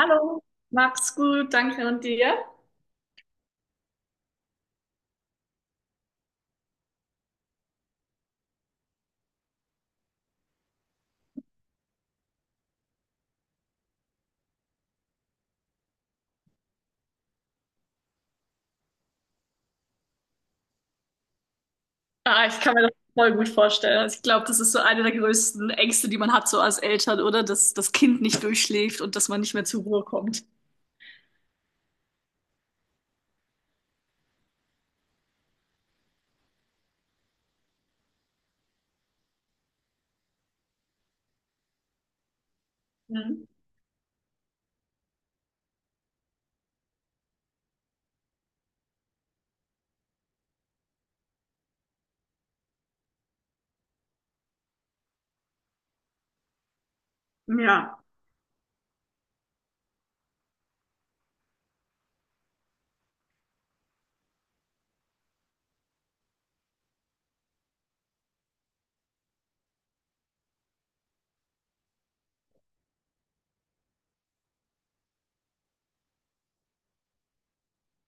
Hallo, mach's gut, danke und dir? Ah, ich kann mir das voll gut vorstellen. Also ich glaube, das ist so eine der größten Ängste, die man hat, so als Eltern, oder? Dass das Kind nicht durchschläft und dass man nicht mehr zur Ruhe kommt. Mhm. Ja.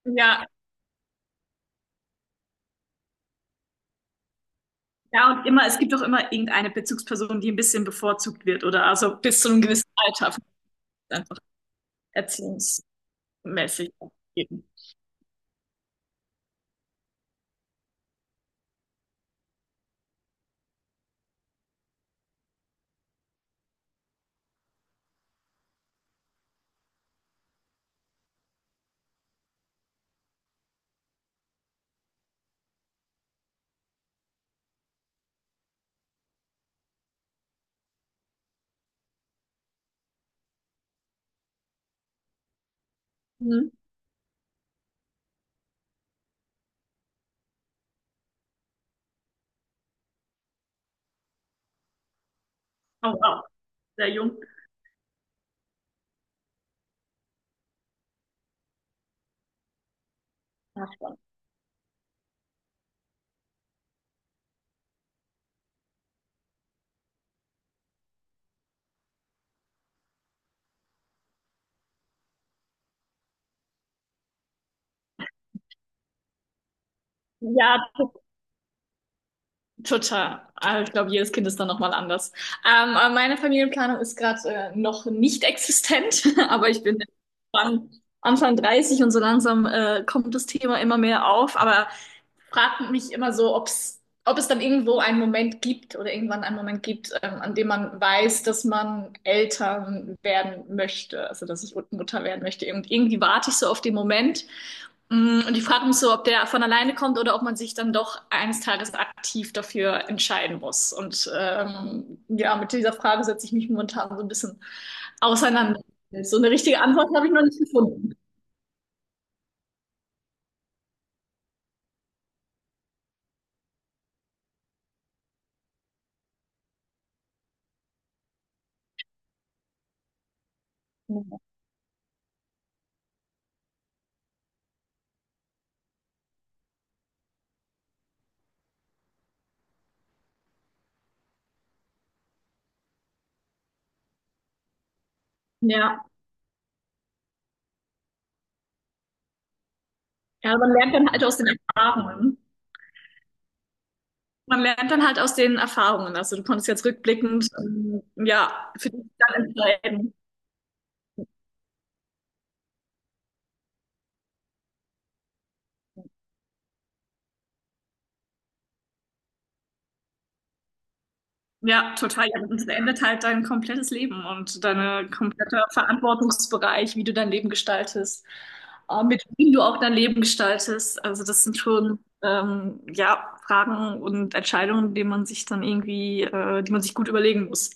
Ja, ja, und immer, es gibt auch immer irgendeine Bezugsperson, die ein bisschen bevorzugt wird, oder? Also bis zu einem gewissen Alter, einfach erziehungsmäßig. Eben. Mhm. Oh, wow, sehr jung. Ja, spannend. Ja, total. Aber ich glaube, jedes Kind ist dann nochmal anders. Aber meine Familienplanung ist gerade noch nicht existent, aber ich bin Anfang, Anfang 30 und so langsam kommt das Thema immer mehr auf. Aber frage mich immer so, ob es dann irgendwo einen Moment gibt oder irgendwann einen Moment gibt, an dem man weiß, dass man Eltern werden möchte, also dass ich Mutter werden möchte. Und irgendwie warte ich so auf den Moment. Und ich frage mich so, ob der von alleine kommt oder ob man sich dann doch eines Tages aktiv dafür entscheiden muss. Und ja, mit dieser Frage setze ich mich momentan so ein bisschen auseinander. So eine richtige Antwort habe ich noch nicht gefunden. Ja, ja, man lernt dann halt aus den Erfahrungen. Man lernt dann halt aus den Erfahrungen. Also du konntest jetzt rückblickend, ja, für dich dann entscheiden. Ja, total. Ja, das verändert halt dein komplettes Leben und deine komplette Verantwortungsbereich, wie du dein Leben gestaltest, mit wem du auch dein Leben gestaltest. Also das sind schon ja Fragen und Entscheidungen, die man sich dann irgendwie, die man sich gut überlegen muss.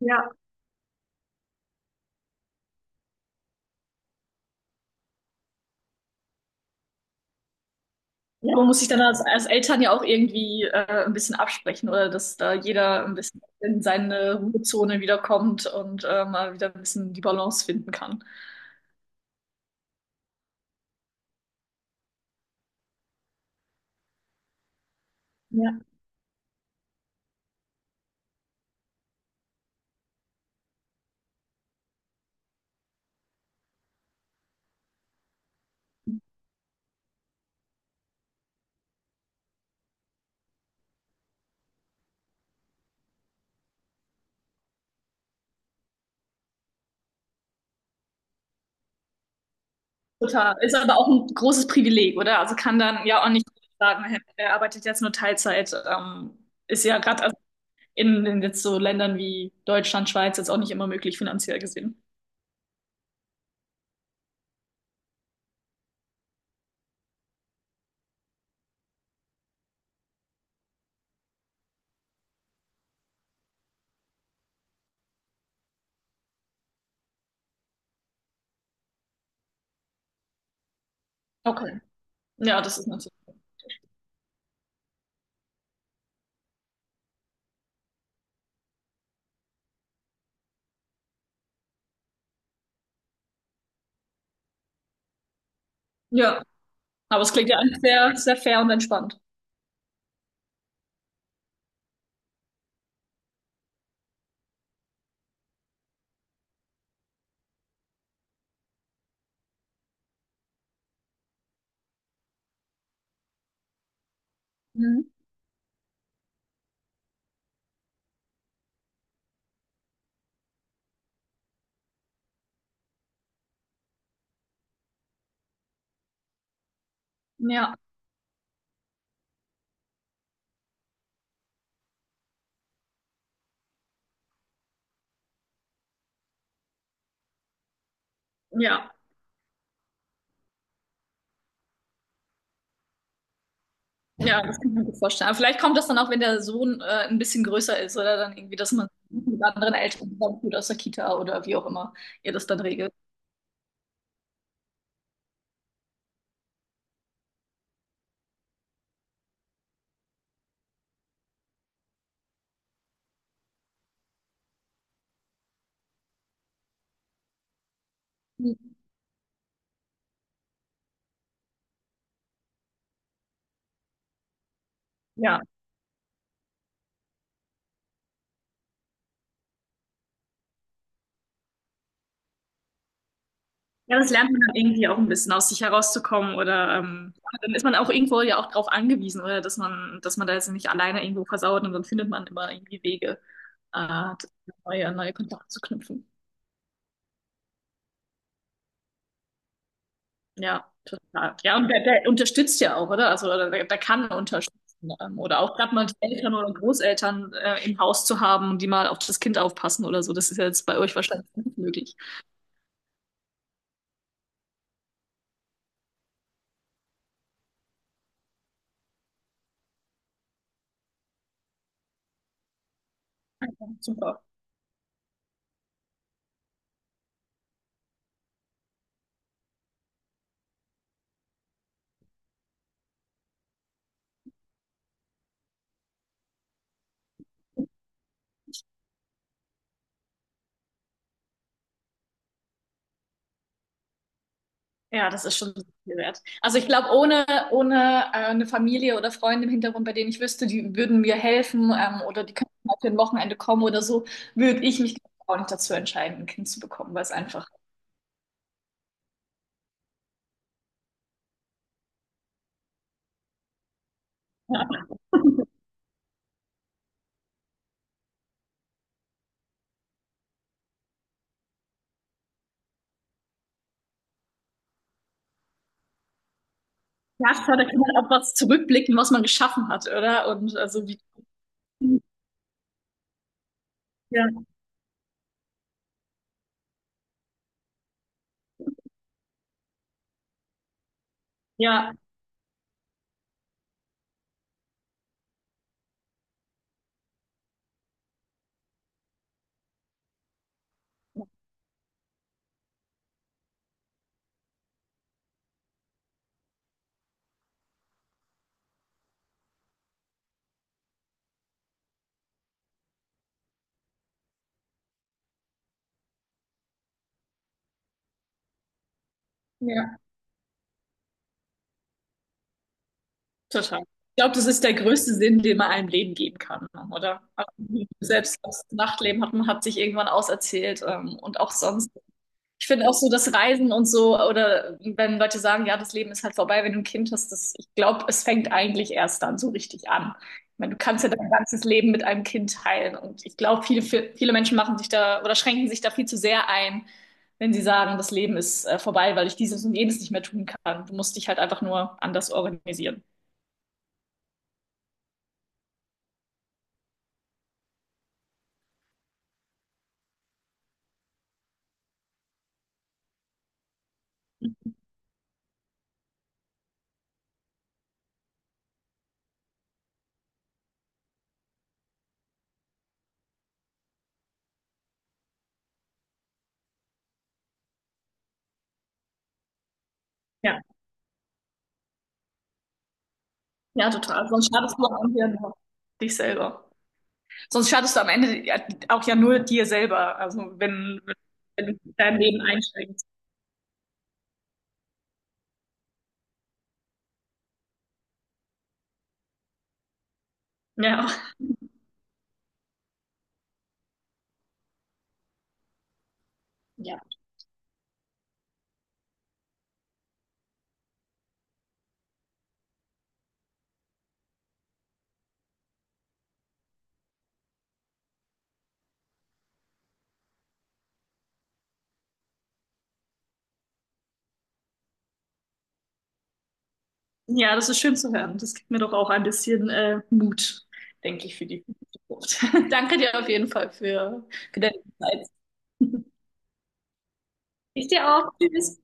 Ja. Ja, man muss sich dann als Eltern ja auch irgendwie ein bisschen absprechen oder dass da jeder ein bisschen in seine Ruhezone wiederkommt und mal wieder ein bisschen die Balance finden kann. Ja. Total. Ist aber auch ein großes Privileg, oder? Also kann dann ja auch nicht sagen, hey, er arbeitet jetzt nur Teilzeit. Ist ja gerade in jetzt so Ländern wie Deutschland, Schweiz jetzt auch nicht immer möglich finanziell gesehen. Okay. Ja, das ist natürlich. Ja, aber es klingt ja eigentlich sehr fair und entspannt. Mhm. Ja, ja. Ja, das kann ich mir gut vorstellen. Aber vielleicht kommt das dann auch, wenn der Sohn ein bisschen größer ist oder dann irgendwie, dass man mit anderen Eltern zusammentut aus der Kita oder wie auch immer ihr das dann regelt. Ja. Ja, das lernt man dann irgendwie auch ein bisschen aus sich herauszukommen oder ja, dann ist man auch irgendwo ja auch drauf angewiesen, oder dass man da jetzt nicht alleine irgendwo versauert und dann findet man immer irgendwie Wege, äh, neue Kontakte zu knüpfen. Ja, total. Ja, und der unterstützt ja auch, oder? Also oder der kann unterstützen. Oder auch gerade mal die Eltern oder Großeltern im Haus zu haben, die mal auf das Kind aufpassen oder so. Das ist ja jetzt bei euch wahrscheinlich nicht möglich. Ja, super. Ja, das ist schon viel wert. Also ich glaube, ohne eine Familie oder Freunde im Hintergrund, bei denen ich wüsste, die würden mir helfen oder die könnten mal für ein Wochenende kommen oder so, würde ich mich auch nicht dazu entscheiden, ein Kind zu bekommen, weil es einfach. Ja, klar, da kann man auch was zurückblicken, was man geschaffen hat, oder? Und also wie ja, ja, ja, total. Ich glaube, das ist der größte Sinn, den man einem Leben geben kann, oder? Also, selbst das Nachtleben hat man hat sich irgendwann auserzählt, und auch sonst. Ich finde auch so das Reisen und so, oder wenn Leute sagen, ja, das Leben ist halt vorbei, wenn du ein Kind hast, das, ich glaube, es fängt eigentlich erst dann so richtig an. Ich meine, du kannst ja dein ganzes Leben mit einem Kind teilen. Und ich glaube, viele Menschen machen sich da oder schränken sich da viel zu sehr ein, wenn sie sagen, das Leben ist vorbei, weil ich dieses und jenes nicht mehr tun kann. Du musst dich halt einfach nur anders organisieren. Ja, ja, total. Sonst schadest du am Ende nur dich selber. Sonst schadest du am Ende ja auch ja nur dir selber, also wenn, wenn du dein Leben einschränkst. Ja. Ja, ja, das ist schön zu hören. Das gibt mir doch auch ein bisschen Mut, denke ich, für die Zukunft. Danke dir auf jeden Fall für deine Zeit. Ich dir auch. Tschüss.